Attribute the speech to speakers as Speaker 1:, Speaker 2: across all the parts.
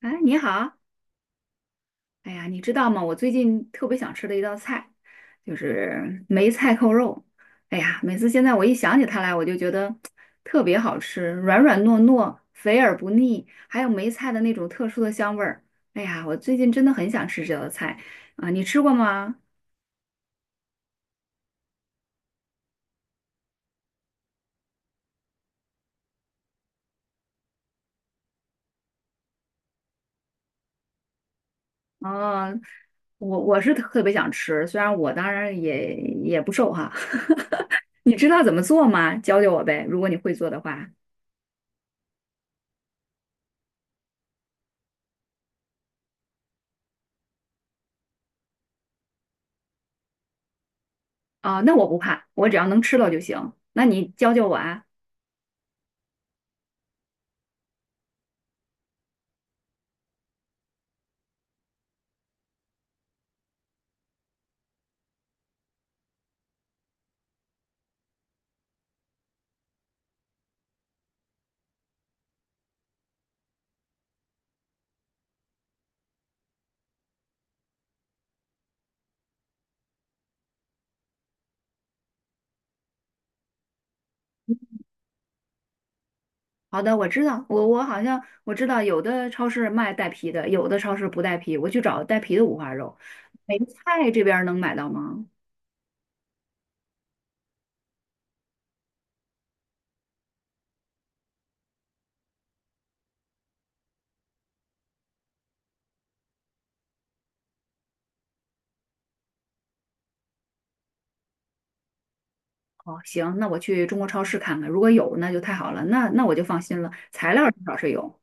Speaker 1: 哎，你好。哎呀，你知道吗？我最近特别想吃的一道菜，就是梅菜扣肉。哎呀，每次现在我一想起它来，我就觉得特别好吃，软软糯糯，肥而不腻，还有梅菜的那种特殊的香味儿。哎呀，我最近真的很想吃这道菜啊，你吃过吗？哦，我是特别想吃，虽然我当然也不瘦哈。你知道怎么做吗？教教我呗，如果你会做的话。啊，那我不怕，我只要能吃到就行。那你教教我啊。好的，我知道，我好像我知道有的超市卖带皮的，有的超市不带皮，我去找带皮的五花肉。梅菜这边儿能买到吗？哦，行，那我去中国超市看看，如果有那就太好了，那我就放心了。材料至少是有。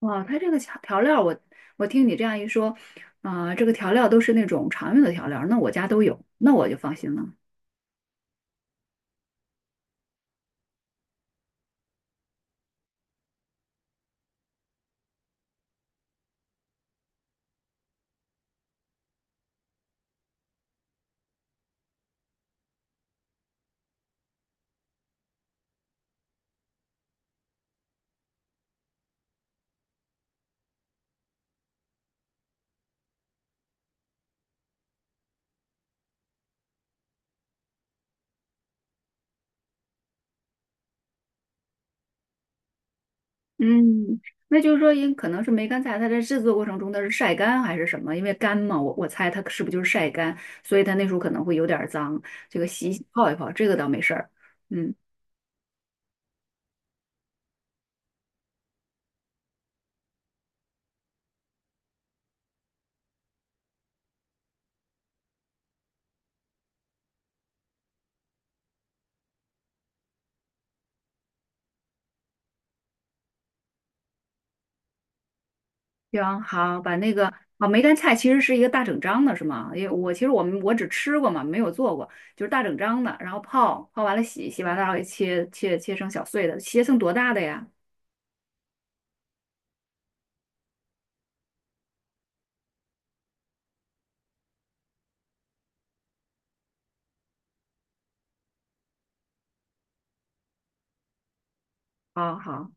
Speaker 1: 哇，它这个调料我，我听你这样一说，啊、这个调料都是那种常用的调料，那我家都有，那我就放心了。嗯，那就是说，可能是梅干菜，它在制作过程中它是晒干还是什么？因为干嘛，我猜它是不是就是晒干，所以它那时候可能会有点儿脏，这个洗洗泡一泡，这个倒没事儿。嗯，行，好，把那个啊梅干菜其实是一个大整张的，是吗？因为我其实我们我只吃过嘛，没有做过，就是大整张的，然后泡完了洗，洗完了然后给切成小碎的，切成多大的呀？好好。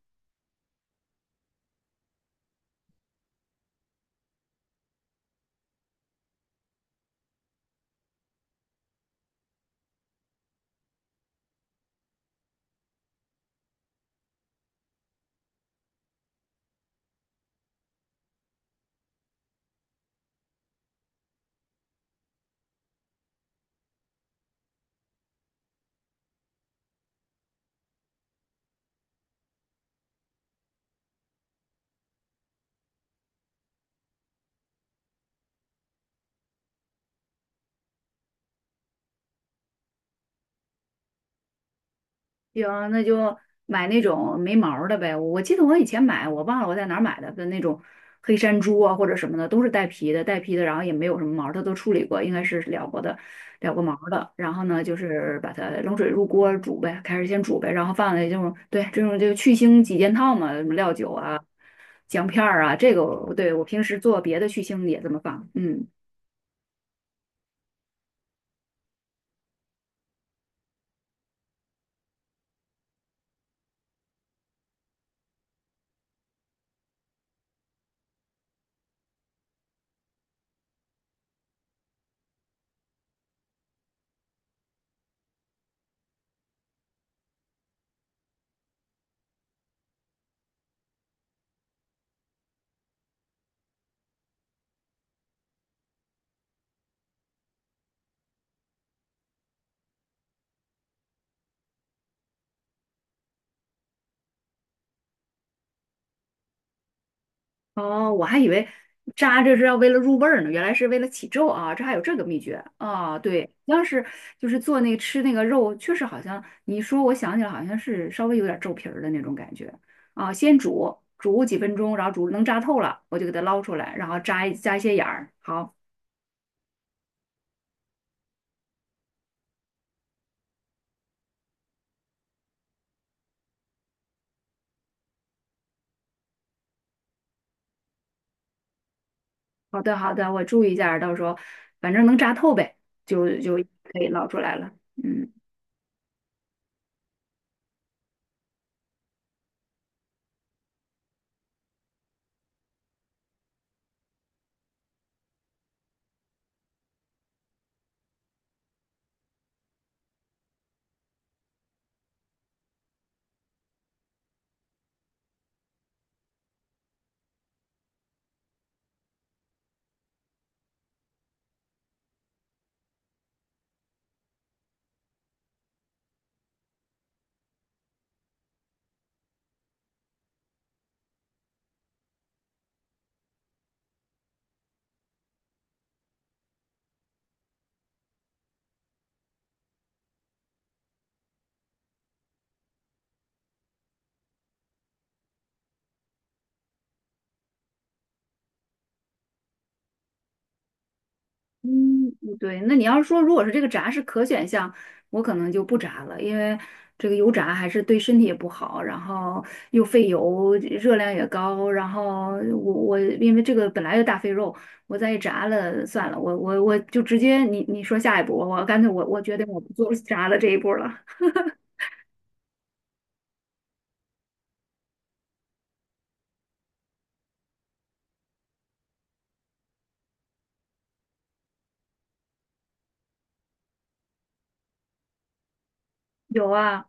Speaker 1: 行，那就买那种没毛儿的呗。我记得我以前买，我忘了我在哪儿买的那种黑山猪啊或者什么的，都是带皮的，带皮的，然后也没有什么毛儿，它都处理过，应该是燎过的，燎过毛儿的。然后呢，就是把它冷水入锅煮呗，开始先煮呗，然后放在这种对这种就去腥几件套嘛，什么料酒啊、姜片儿啊，这个我对我平时做别的去腥也这么放，嗯。哦，我还以为扎着是要为了入味儿呢，原来是为了起皱啊，这还有这个秘诀啊。对，要是就是做那个吃那个肉，确实好像你一说，我想起来好像是稍微有点皱皮儿的那种感觉啊。先煮煮几分钟，然后煮能扎透了，我就给它捞出来，然后扎一扎一些眼儿。好，好的好的，我注意一下儿到时候反正能扎透呗，就可以捞出来了。嗯。嗯，嗯对，那你要是说如果是这个炸是可选项，我可能就不炸了，因为这个油炸还是对身体也不好，然后又费油，热量也高，然后我因为这个本来就大肥肉，我再一炸了算了，我就直接你说下一步，我干脆我决定我不做 炸的这一步了。有啊。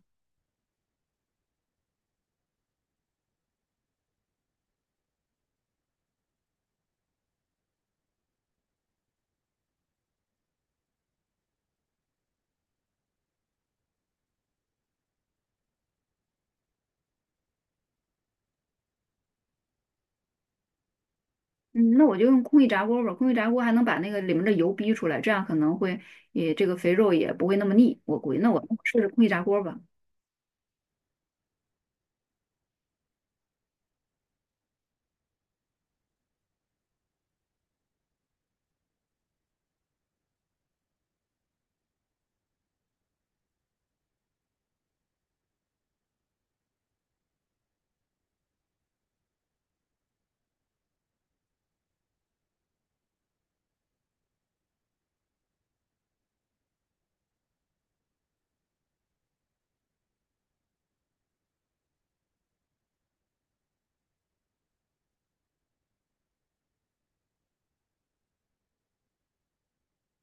Speaker 1: 嗯，那我就用空气炸锅吧，空气炸锅还能把那个里面的油逼出来，这样可能会也这个肥肉也不会那么腻，我估计那我试试空气炸锅吧。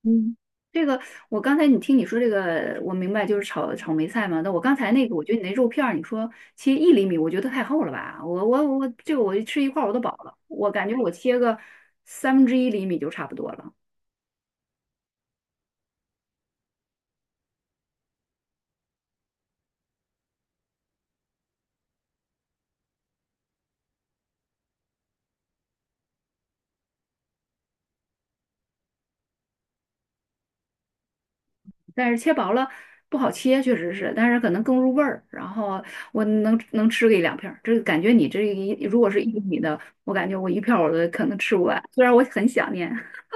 Speaker 1: 嗯，这个我刚才你听你说这个，我明白就是炒炒梅菜嘛。那我刚才那个，我觉得你那肉片儿，你说切一厘米，我觉得太厚了吧？我，这个我吃一块儿我都饱了。我感觉我切个三分之一厘米就差不多了，但是切薄了不好切，确实是，但是可能更入味儿。然后我能吃个一两片儿，这个感觉你这一如果是一厘米的，我感觉我一片儿我都可能吃不完。虽然我很想念，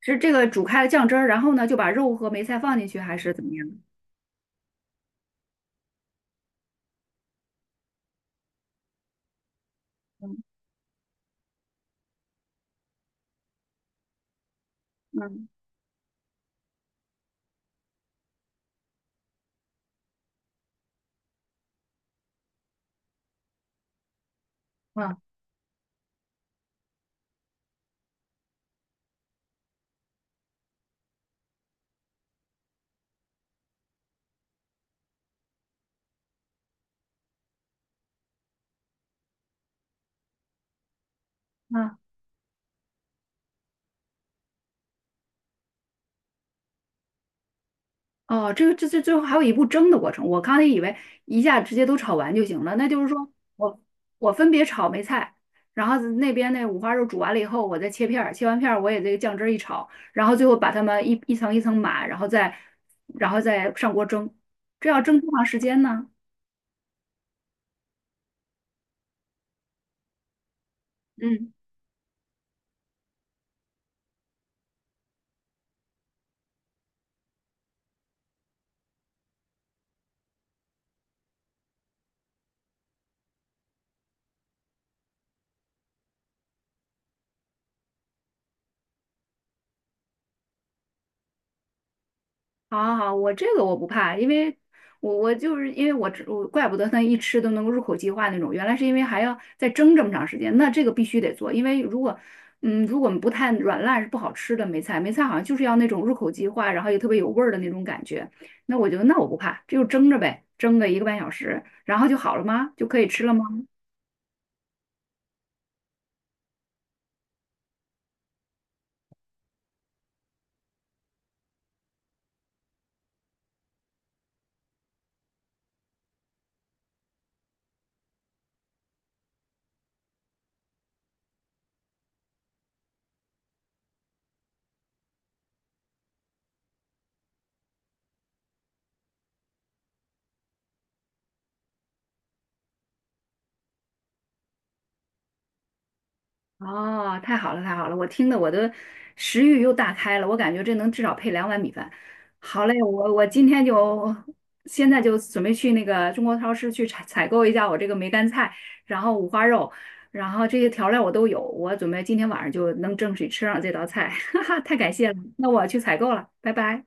Speaker 1: 是这个煮开了酱汁儿，然后呢就把肉和梅菜放进去，还是怎么样？嗯嗯嗯嗯。哦，这个这最后还有一步蒸的过程，我刚才以为一下直接都炒完就行了，那就是说我我分别炒梅菜，然后那边那五花肉煮完了以后，我再切片儿，切完片儿我也这个酱汁儿一炒，然后最后把它们一层一层码，然后再上锅蒸，这要蒸多长时间呢？嗯。好好好，我这个我不怕，因为我就是因为我吃我怪不得他一吃都能够入口即化那种，原来是因为还要再蒸这么长时间，那这个必须得做，因为如果不太软烂是不好吃的梅菜，梅菜好像就是要那种入口即化，然后又特别有味儿的那种感觉，那我觉得那我不怕，这就蒸着呗，蒸个一个半小时，然后就好了吗？就可以吃了吗？哦，太好了，太好了！我听的我的食欲又大开了，我感觉这能至少配两碗米饭。好嘞，我今天就现在就准备去那个中国超市去采购一下我这个梅干菜，然后五花肉，然后这些调料我都有，我准备今天晚上就能正式吃上这道菜。哈哈，太感谢了，那我去采购了，拜拜。